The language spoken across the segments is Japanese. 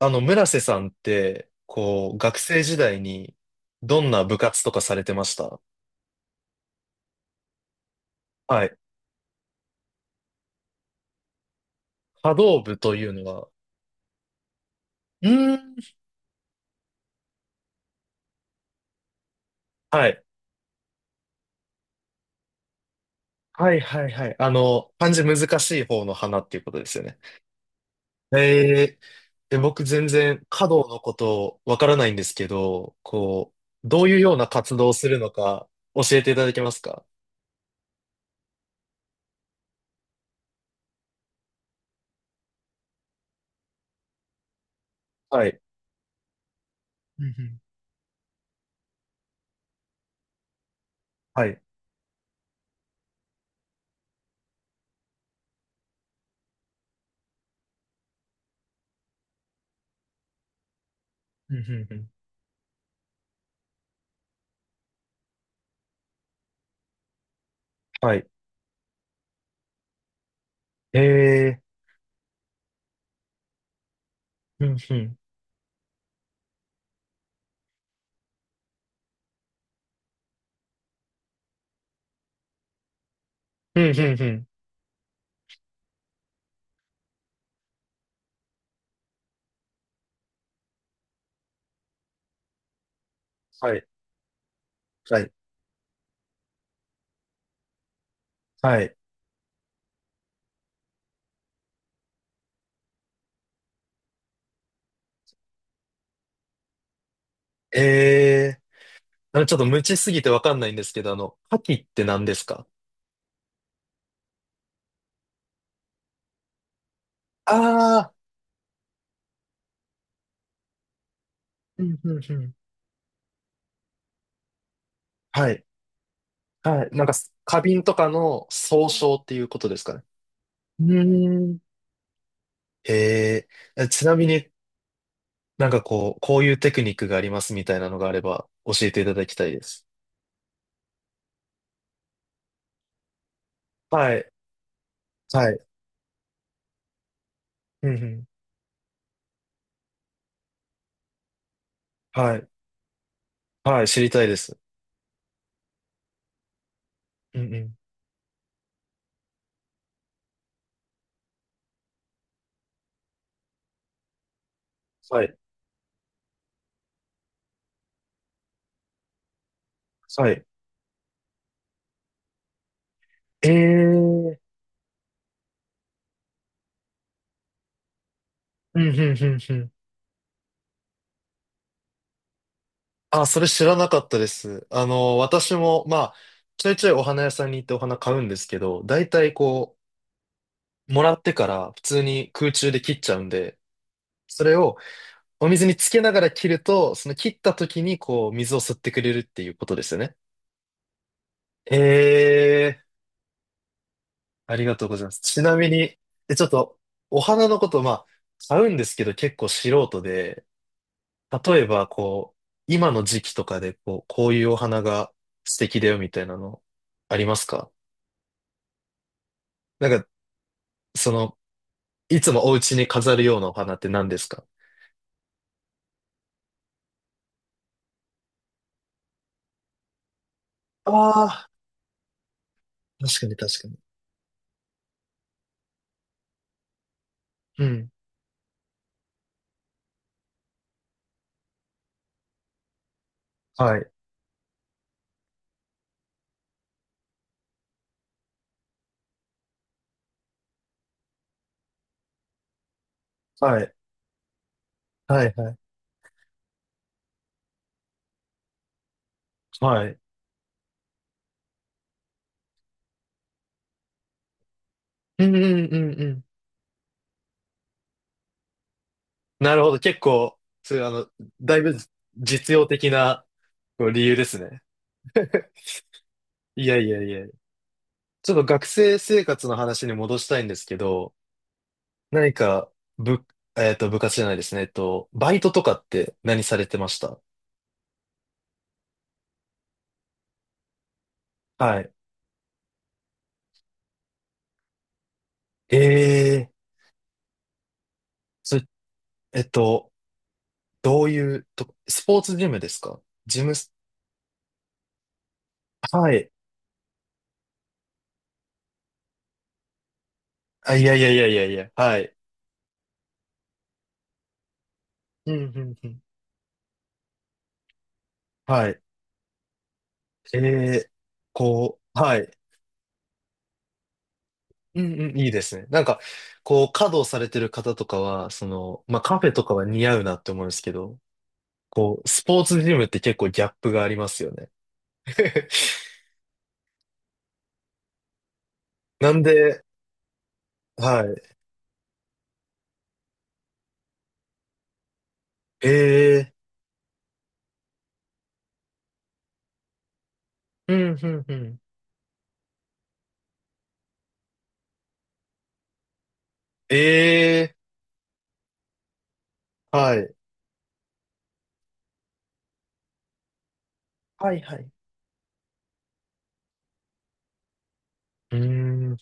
村瀬さんって、こう、学生時代に、どんな部活とかされてました？はい。波動部というのは、うーん。はい。はいはいはい。漢字難しい方の花っていうことですよね。え僕全然華道のことわからないんですけど、こう、どういうような活動をするのか教えていただけますか？はい。うんうん。はい。うんうんうん。はい。えうんうん。うんうんうん。はい。はい。はい。ええ。ちょっと無知すぎてわかんないんですけど、カキって何ですか？ああー、うんうんうん。はい。はい。なんか、花瓶とかの総称っていうことですかね。うーん。へえ。ちなみに、なんかこう、こういうテクニックがありますみたいなのがあれば教えていただきたいです。はい。はい。うんうん。はい。はい。知りたいです。うんうん。はい。はい。ええ。うんうんうんうん。あ、それ知らなかったです。私も、まあ、ちょいちょいお花屋さんに行ってお花買うんですけど、大体こう、もらってから普通に空中で切っちゃうんで、それをお水につけながら切ると、その切った時にこう、水を吸ってくれるっていうことですよね。ええ、ありがとうございます。ちなみに、ちょっと、お花のこと、まあ、買うんですけど結構素人で、例えばこう、今の時期とかでこう、こういうお花が素敵だよみたいなのありますか？なんか、その、いつもお家に飾るようなお花って何ですか？ああー、確かに確かに。うん。はい。はい。はい、はい。はい。うんうんうんうん。なるほど。結構、そういう、だいぶ実用的なこう理由ですね。いやいやいや。ちょっと学生生活の話に戻したいんですけど、何か、部、えっと、部活じゃないですね。バイトとかって何されてました？はい。ええ。それ、えっと、どういうとこ、スポーツジムですか？ジムス、はい。あ、いやいやいやいやいや、はい。うん、うん、うん。はい。えーこう、はい。うん、うん、いいですね。なんか、こう、稼働されてる方とかは、その、まあ、カフェとかは似合うなって思うんですけど、こう、スポーツジムって結構ギャップがありますよね。なんで、はい。えーうん、うん、うん。えーはい。はい、はい。うーん。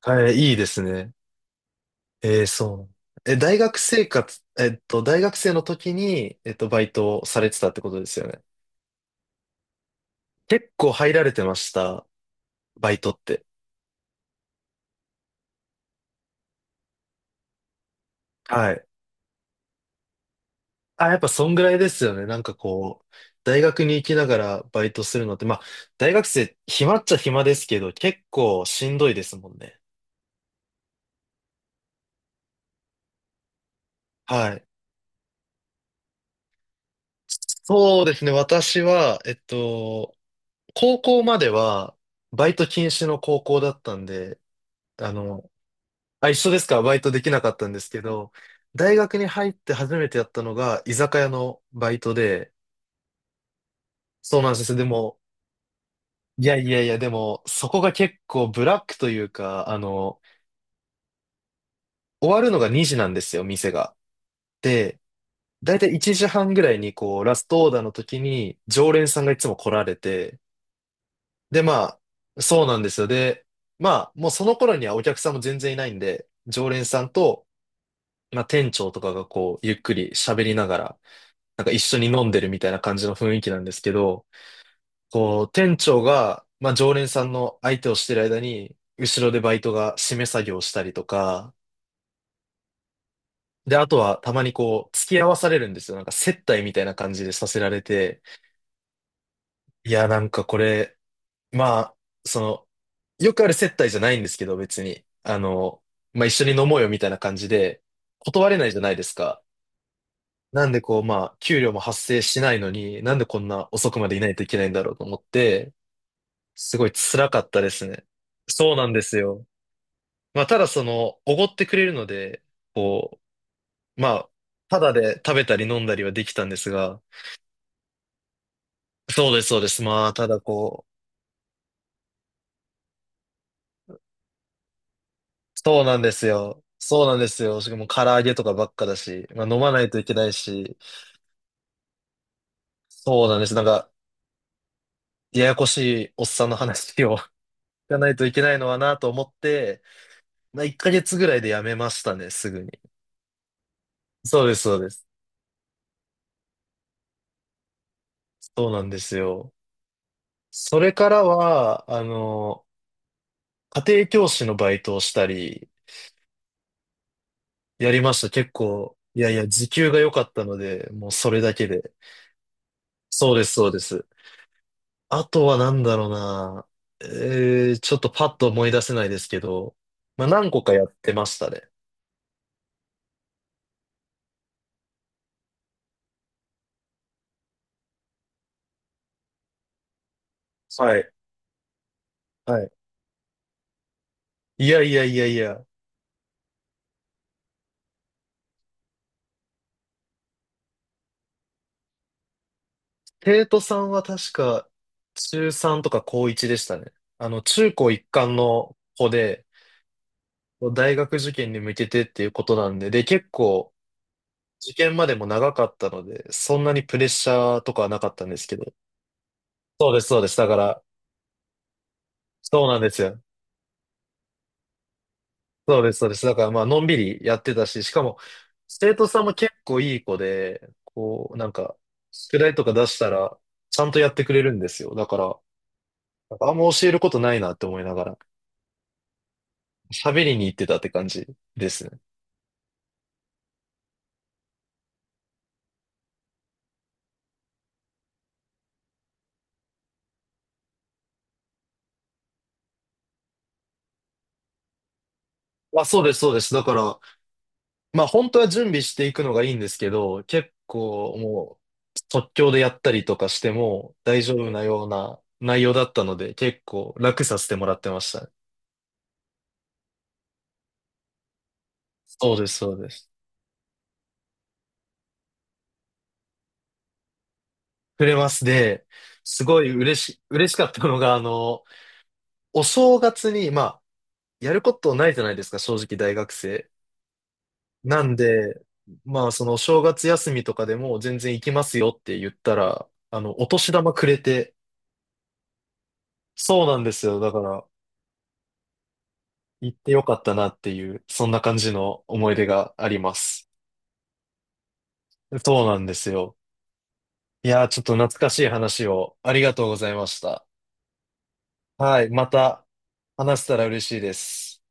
はい、いいですね。ええ、そう。大学生活、大学生の時に、バイトをされてたってことですよね。結構入られてました？バイトって。はい。あ、やっぱそんぐらいですよね。なんかこう、大学に行きながらバイトするのって、まあ、大学生、暇っちゃ暇ですけど、結構しんどいですもんね。はい。そうですね。私は、高校までは、バイト禁止の高校だったんで、あの、あ、一緒ですか？バイトできなかったんですけど、大学に入って初めてやったのが居酒屋のバイトで、そうなんですよ。でも、いやいやいや、でも、そこが結構ブラックというか、終わるのが2時なんですよ、店が。で、だいたい1時半ぐらいに、こう、ラストオーダーの時に、常連さんがいつも来られて、で、まあ、そうなんですよ。で、まあ、もうその頃にはお客さんも全然いないんで、常連さんと、まあ、店長とかがこう、ゆっくり喋りながら、なんか一緒に飲んでるみたいな感じの雰囲気なんですけど、こう、店長が、まあ、常連さんの相手をしてる間に、後ろでバイトが締め作業をしたりとか、で、あとはたまにこう、付き合わされるんですよ。なんか接待みたいな感じでさせられて、いや、なんかこれ、まあ、その、よくある接待じゃないんですけど、別に。まあ、一緒に飲もうよみたいな感じで、断れないじゃないですか。なんでこう、まあ、給料も発生しないのに、なんでこんな遅くまでいないといけないんだろうと思って、すごい辛かったですね。そうなんですよ。まあ、ただその、おごってくれるので、こう、まあ、ただで食べたり飲んだりはできたんですが、そうです、そうです。まあ、ただこう、そうなんですよ。そうなんですよ。しかも唐揚げとかばっかだし、まあ、飲まないといけないし、そうなんです。なんか、ややこしいおっさんの話を 聞かないといけないのはなと思って、まあ、1ヶ月ぐらいでやめましたね、すぐに。そうです、そうです。そうなんですよ。それからは、家庭教師のバイトをしたり、やりました。結構、いやいや、時給が良かったので、もうそれだけで。そうです、そうです。あとはなんだろうな。ちょっとパッと思い出せないですけど、まあ何個かやってましたね。はい。はい。いやいやいやいや。生徒さんは確か、中3とか高1でしたね。中高一貫の子で、大学受験に向けてっていうことなんで、で、結構、受験までも長かったので、そんなにプレッシャーとかはなかったんですけど。そうです、そうです。だから、そうなんですよ。そうです、そうです。だから、まあ、のんびりやってたし、しかも、生徒さんも結構いい子で、こう、なんか、宿題とか出したら、ちゃんとやってくれるんですよ。だから、なんかあんま教えることないなって思いながら、喋りに行ってたって感じですね。あ、そうです、そうです。だから、まあ本当は準備していくのがいいんですけど、結構もう即興でやったりとかしても大丈夫なような内容だったので、結構楽させてもらってましたね。そうです、そうです。触れますで、すごい嬉しかったのが、お正月に、まあ、やることないじゃないですか、正直大学生。なんで、まあ、そのお正月休みとかでも全然行きますよって言ったら、お年玉くれて、そうなんですよ。だから、行ってよかったなっていう、そんな感じの思い出があります。そうなんですよ。いやー、ちょっと懐かしい話をありがとうございました。はい、また話せたら嬉しいです。